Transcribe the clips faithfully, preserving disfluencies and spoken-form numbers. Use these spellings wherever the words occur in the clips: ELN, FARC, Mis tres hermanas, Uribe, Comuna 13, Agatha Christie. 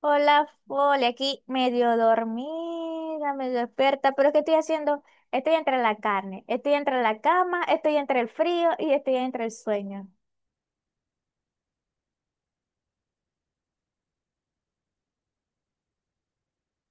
Hola, Fole, aquí medio dormida, medio despierta, pero ¿qué estoy haciendo? Estoy entre la carne, estoy entre la cama, estoy entre el frío y estoy entre el sueño.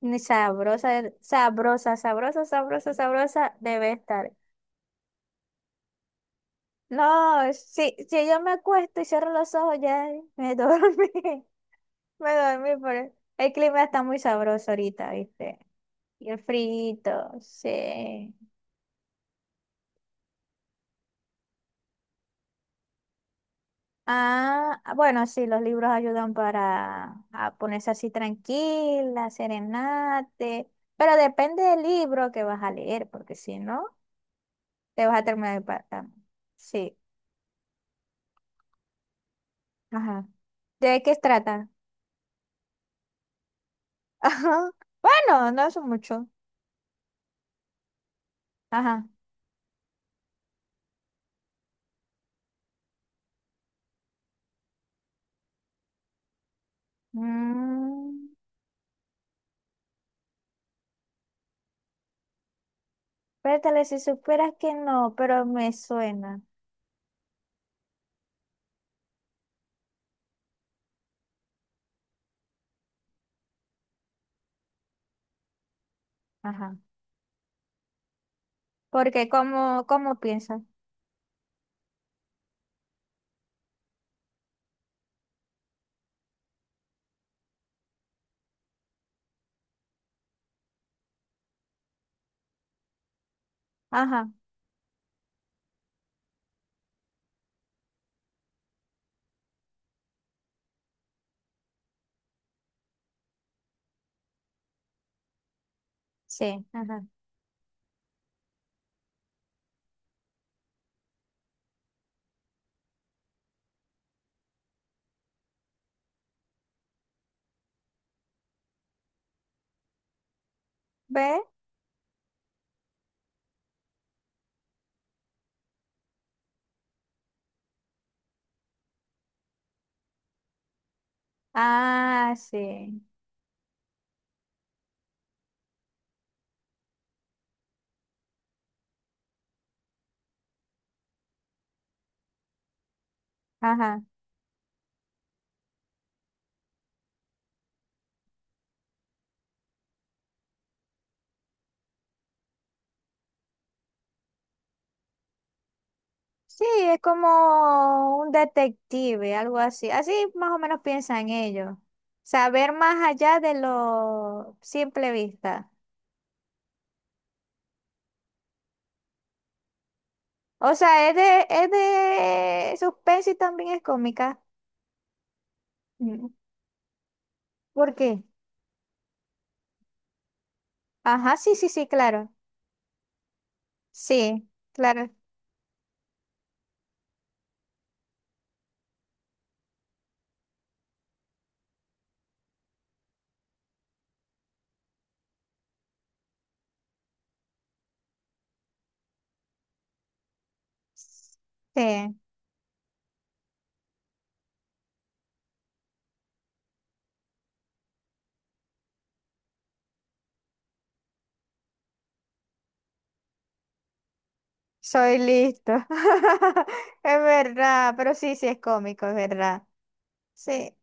Ni sabrosa, sabrosa, sabrosa, sabrosa, sabrosa debe estar. No, si, si yo me acuesto y cierro los ojos, ya me dormí, me dormí, pero el clima está muy sabroso ahorita, ¿viste? Y el frito, sí. Ah, ah, bueno, sí, los libros ayudan para a ponerse así tranquila, serenate, pero depende del libro que vas a leer, porque si no, te vas a terminar impactando. Sí, ajá. ¿De qué trata? Ajá. Bueno, no es mucho. Ajá. Mm, espérate, si supieras que no, pero me suena. Ajá. Porque cómo cómo piensas. Ajá, sí, ajá. ¿Ve? Ah, sí. Ajá. Sí, es como un detective, algo así. Así más o menos piensan ellos. Saber más allá de lo simple vista. O sea, es de, es de suspense y también es cómica. Mm. ¿Por qué? Ajá, sí, sí, sí, claro. Sí, claro. Sí, soy listo. Es verdad, pero sí, sí es cómico, es verdad. Sí.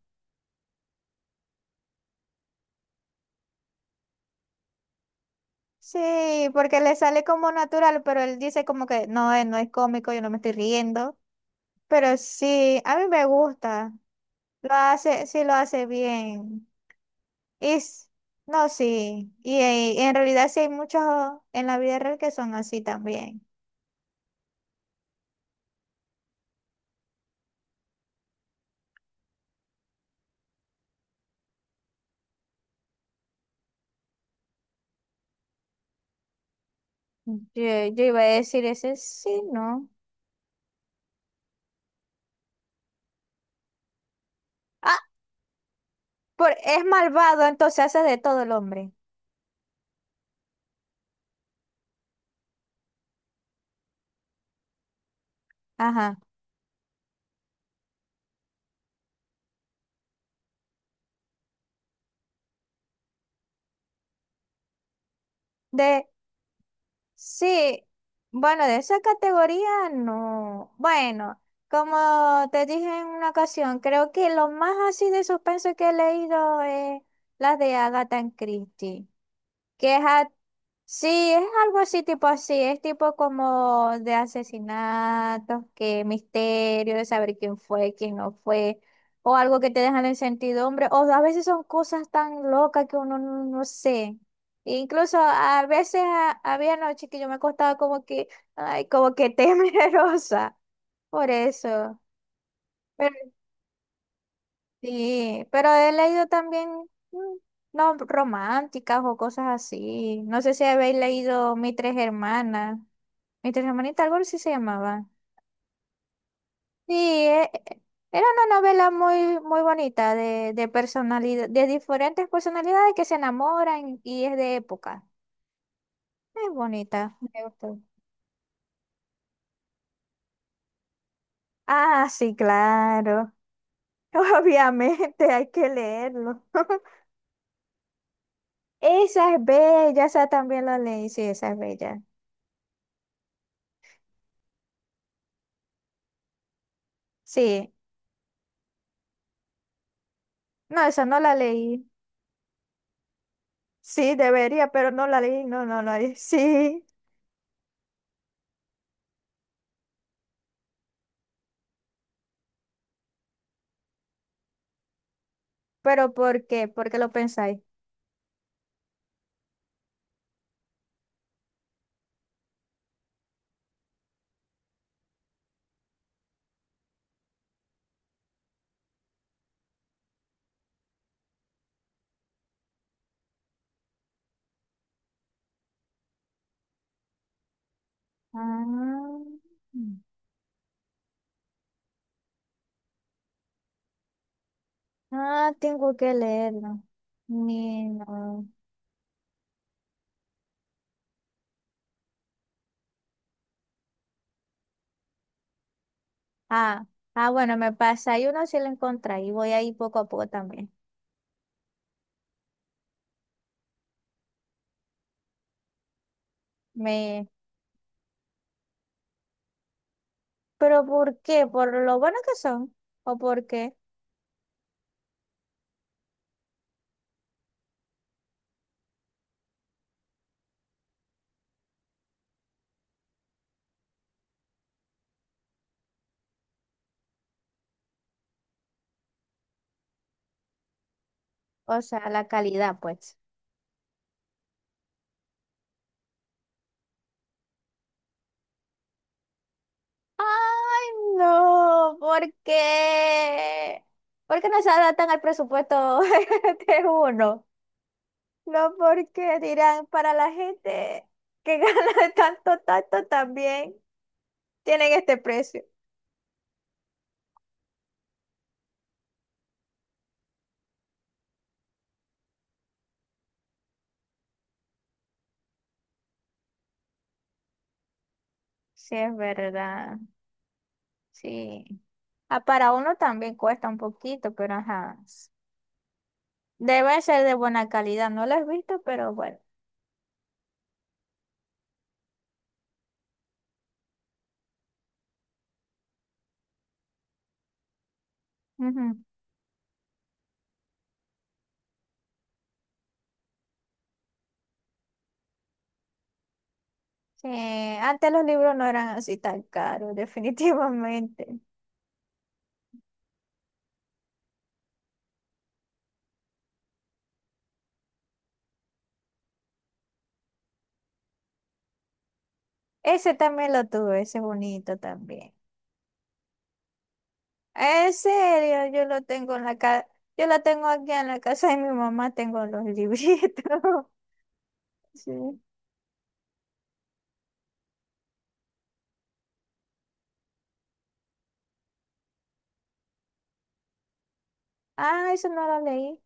Sí, porque le sale como natural, pero él dice como que no, eh, no es cómico, yo no me estoy riendo. Pero sí, a mí me gusta. Lo hace, sí lo hace bien. Y s- no, sí. Y, eh, en realidad sí hay muchos en la vida real que son así también. Yo, yo iba a decir ese sí, no. Ah, por, es malvado, entonces hace de todo el hombre. Ajá. De sí, bueno, de esa categoría no. Bueno, como te dije en una ocasión, creo que lo más así de suspenso que he leído es las de Agatha Christie. Que es a- sí, es algo así, tipo así, es tipo como de asesinatos, que misterio, de saber quién fue, quién no fue, o algo que te dejan en sentidumbre, o a veces son cosas tan locas que uno no, no sé. Incluso a veces a- había noches que yo me acostaba como que, ay, como que temerosa, por eso. Sí, pero he leído también mm, no románticas o cosas así. No sé si habéis leído Mis tres hermanas. Mis tres hermanitas, algo así se llamaba. Sí, e- e- era una novela muy, muy bonita de, de personalidad, de diferentes personalidades que se enamoran y es de época. Es bonita, me gustó. Ah, sí, claro. Obviamente hay que leerlo. Esa es bella, esa también la leí, sí, esa es bella. Sí, no, esa no la leí. Sí, debería, pero no la leí. No, no, no. Sí. ¿Pero por qué? ¿Por qué lo pensáis? Ah, ah, tengo que leerlo. Ni no. Ah, ah, bueno, me pasa. Hay uno si lo encontré y voy ahí poco a poco también. Me... ¿Pero por qué? ¿Por lo bueno que son? ¿O por qué? O sea, la calidad, pues. ¡Ay, no! ¿Por qué? ¿Por qué no se adaptan al presupuesto de uno? No, porque dirán, para la gente que gana tanto, tanto, también tienen este precio. Sí, es verdad. Sí. Ah, para uno también cuesta un poquito, pero ajá. Debe ser de buena calidad. No lo he visto, pero bueno. Ujú. Sí, antes los libros no eran así tan caros, definitivamente. Ese también lo tuve, ese bonito también. En serio, yo lo tengo en la ca Yo la tengo aquí en la casa de mi mamá, tengo los libritos. Sí. Ah, eso no lo leí.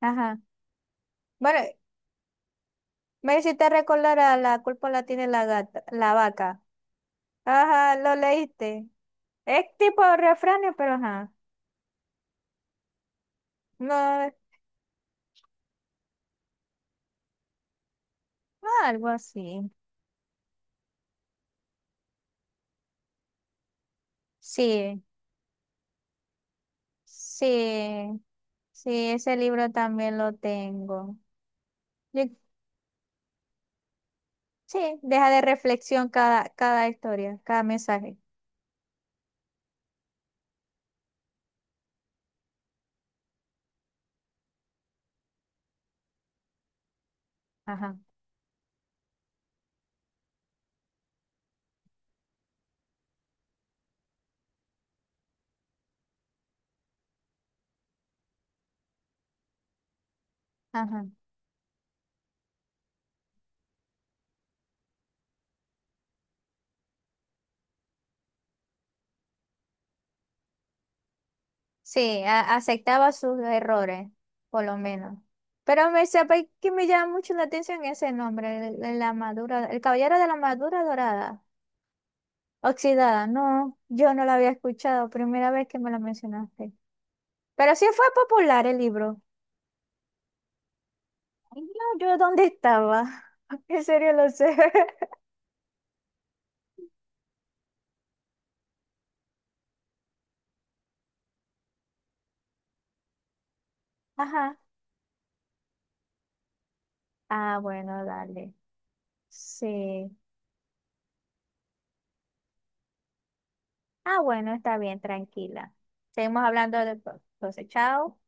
Ajá. Bueno, me hiciste recordar a la culpa la tiene la gata, la vaca. Ajá, lo leíste. Es tipo refrán, pero ajá. No, algo así. Sí, sí, sí, ese libro también lo tengo. Yo- sí, deja de reflexión cada, cada historia, cada mensaje. Ajá, ajá. Sí, a- aceptaba sus errores, por lo menos. Pero me sabe que me llama mucho la atención ese nombre, el, el la madura, el caballero de la madura dorada, oxidada. No, yo no la había escuchado, primera vez que me la mencionaste. Pero sí fue popular el libro. Ay, no, yo dónde estaba. En serio lo sé. Ajá. Ah, bueno, dale. Sí. Ah, bueno, está bien, tranquila. Seguimos hablando después. Entonces, chao.